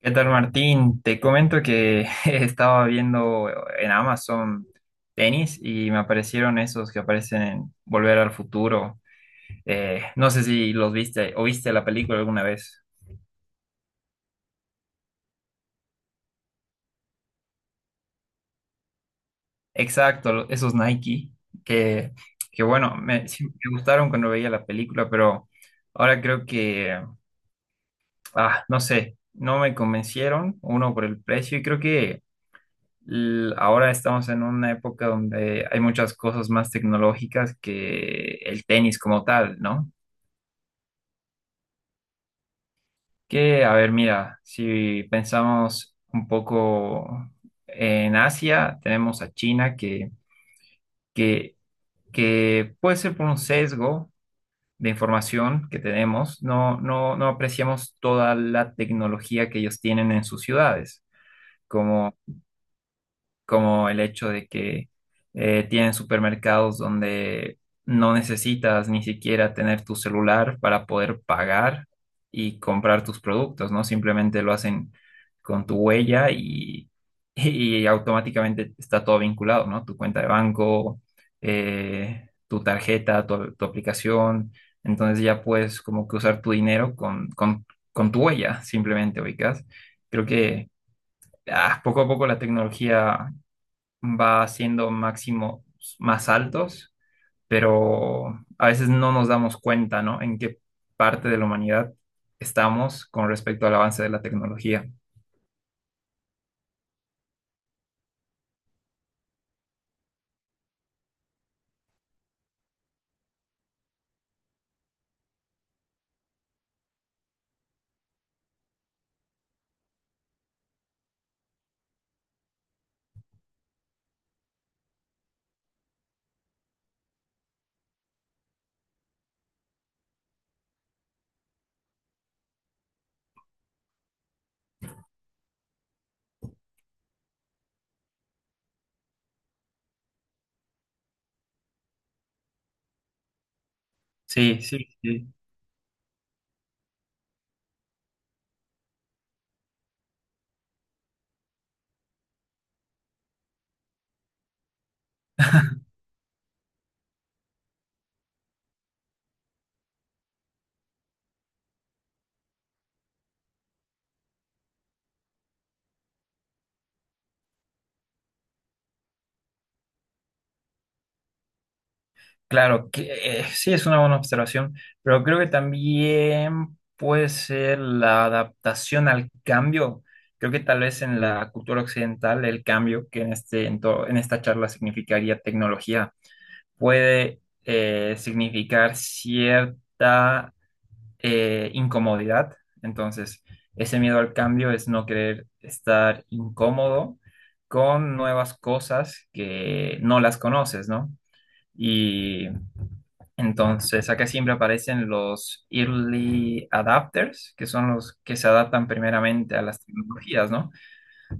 ¿Qué tal, Martín? Te comento que estaba viendo en Amazon tenis y me aparecieron esos que aparecen en Volver al Futuro. No sé si los viste o viste la película alguna vez. Exacto, esos Nike que, que bueno, sí me gustaron cuando veía la película, pero ahora creo que, no sé, no me convencieron, uno por el precio y creo que ahora estamos en una época donde hay muchas cosas más tecnológicas que el tenis como tal, ¿no? Que, a ver, mira, si pensamos un poco en Asia, tenemos a China que, que puede ser por un sesgo de información que tenemos, no apreciamos toda la tecnología que ellos tienen en sus ciudades, como el hecho de que tienen supermercados donde no necesitas ni siquiera tener tu celular para poder pagar y comprar tus productos, ¿no? Simplemente lo hacen con tu huella, y, y automáticamente está todo vinculado, ¿no? Tu cuenta de banco, tu tarjeta, tu aplicación. Entonces ya puedes como que usar tu dinero con tu huella, simplemente ubicas. Creo que poco a poco la tecnología va haciendo máximos más altos, pero a veces no nos damos cuenta, ¿no? En qué parte de la humanidad estamos con respecto al avance de la tecnología. Sí, sí, sí. Claro, que sí es una buena observación, pero creo que también puede ser la adaptación al cambio. Creo que tal vez en la cultura occidental el cambio, que en en esta charla significaría tecnología, puede significar cierta incomodidad. Entonces, ese miedo al cambio es no querer estar incómodo con nuevas cosas que no las conoces, ¿no? Y entonces acá siempre aparecen los early adapters, que son los que se adaptan primeramente a las tecnologías, ¿no?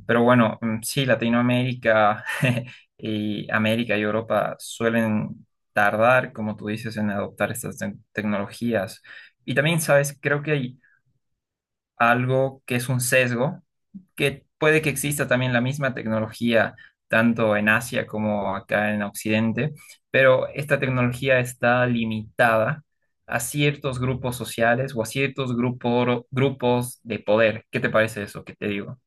Pero bueno, sí, Latinoamérica y América y Europa suelen tardar, como tú dices, en adoptar estas tecnologías. Y también, sabes, creo que hay algo que es un sesgo, que puede que exista también la misma tecnología, tanto en Asia como acá en Occidente, pero esta tecnología está limitada a ciertos grupos sociales o a ciertos grupos de poder. ¿Qué te parece eso que te digo?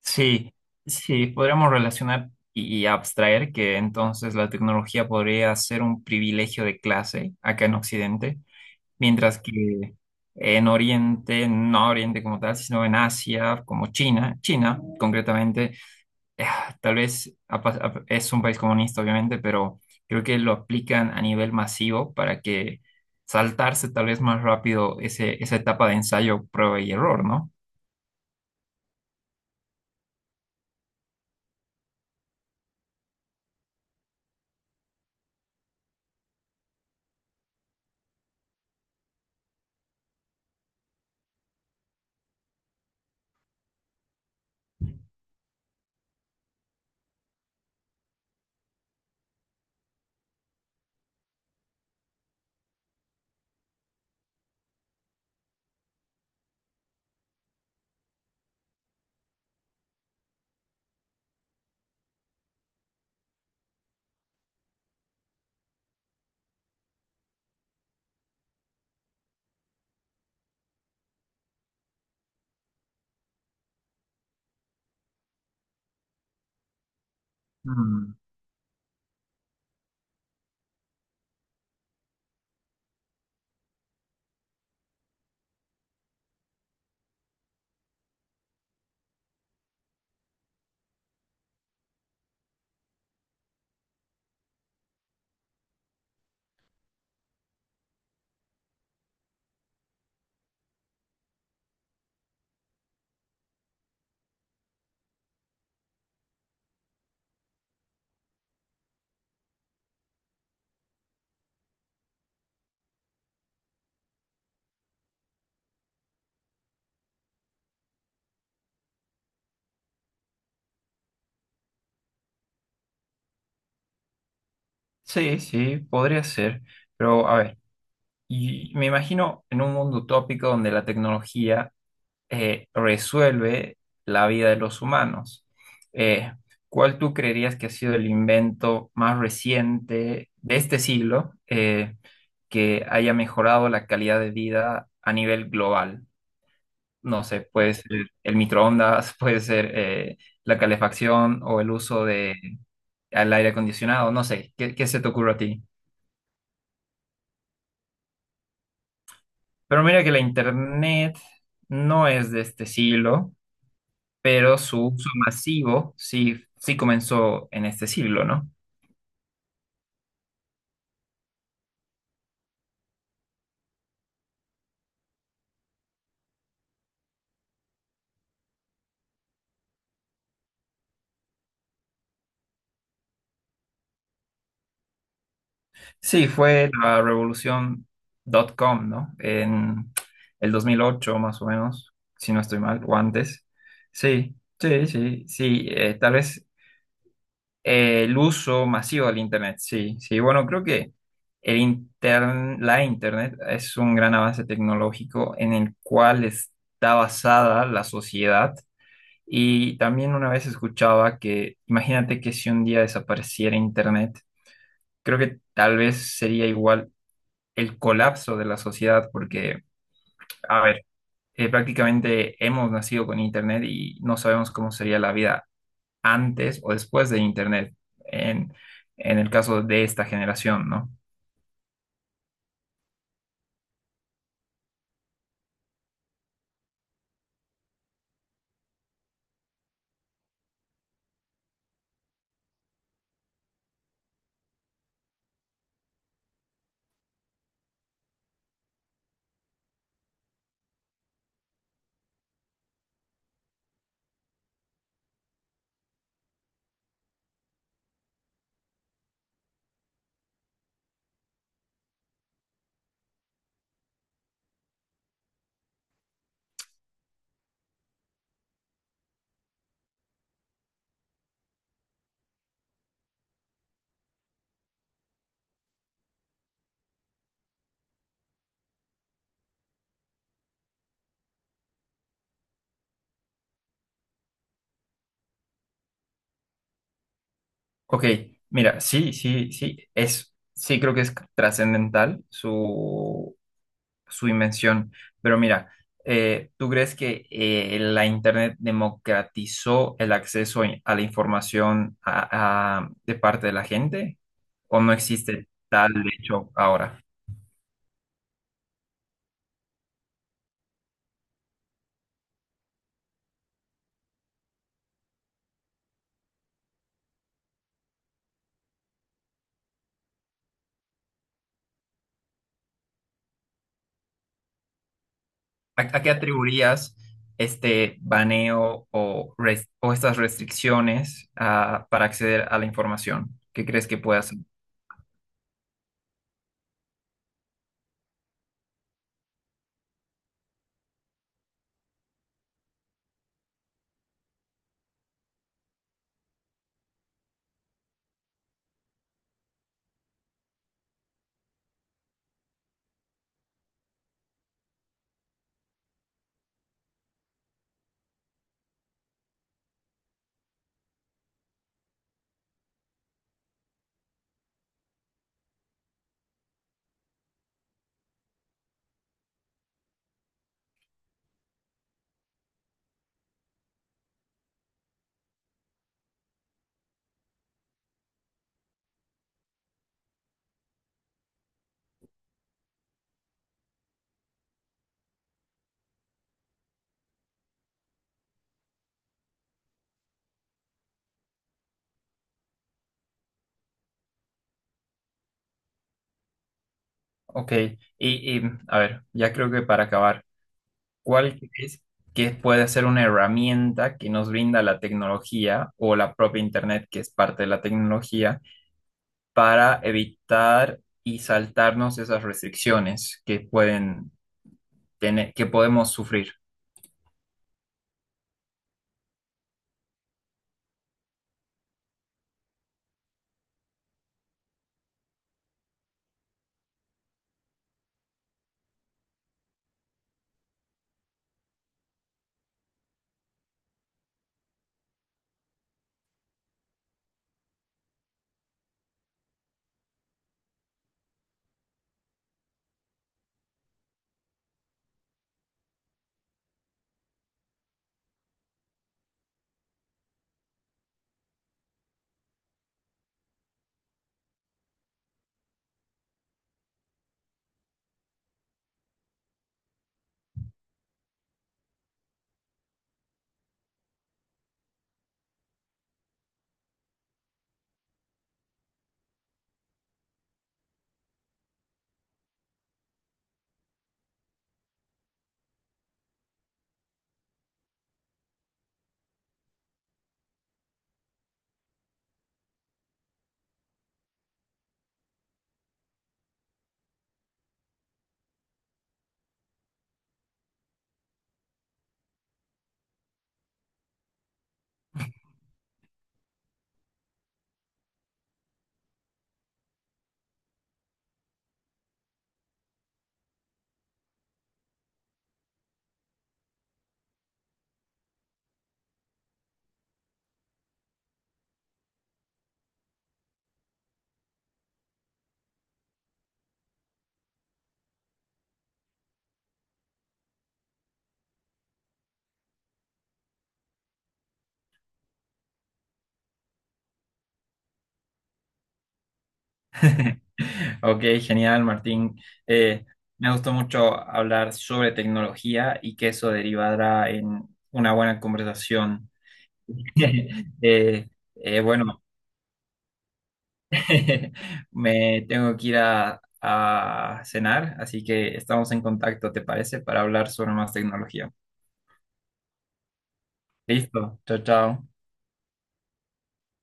Sí, sí, podríamos relacionar y abstraer que entonces la tecnología podría ser un privilegio de clase acá en Occidente, mientras que en Oriente, no Oriente como tal, sino en Asia, como China, China concretamente, eh, tal vez es un país comunista obviamente, pero creo que lo aplican a nivel masivo para que saltarse tal vez más rápido ese, esa etapa de ensayo, prueba y error, ¿no? Sí, sí, podría ser, pero a ver, y me imagino en un mundo utópico donde la tecnología resuelve la vida de los humanos. Eh, ¿Cuál tú creerías que ha sido el invento más reciente de este siglo que haya mejorado la calidad de vida a nivel global? No sé, puede ser el microondas, puede ser la calefacción o el uso de al aire acondicionado, no sé, ¿qué, qué se te ocurre a ti? Pero mira que la internet no es de este siglo, pero su uso masivo sí, sí comenzó en este siglo, ¿no? Sí, fue la revolución dot .com, ¿no? En el 2008 más o menos, si no estoy mal, o antes. Sí, sí, sí, sí. Tal vez el uso masivo del Internet, sí, sí. Bueno, creo que la Internet es un gran avance tecnológico en el cual está basada la sociedad. Y también una vez escuchaba que, imagínate que si un día desapareciera Internet, creo que tal vez sería igual el colapso de la sociedad, porque, a ver, prácticamente hemos nacido con Internet y no sabemos cómo sería la vida antes o después de Internet, en, en el caso de esta generación, ¿no? Ok, mira, sí, sí, sí, es, sí creo que es trascendental su, su invención, pero mira, ¿tú crees que la Internet democratizó el acceso a la información de parte de la gente? ¿O no existe tal hecho ahora? A qué atribuirías este baneo o estas restricciones para acceder a la información? ¿Qué crees que puede hacer? Ok, y, a ver, ya creo que para acabar, ¿cuál crees que puede ser una herramienta que nos brinda la tecnología o la propia Internet, que es parte de la tecnología, para evitar y saltarnos esas restricciones que pueden tener, que podemos sufrir? Ok, genial, Martín. Eh, me gustó mucho hablar sobre tecnología y que eso derivará en una buena conversación. Eh, bueno, me tengo que ir a cenar, así que estamos en contacto, ¿te parece? Para hablar sobre más tecnología. Listo, chao, chao.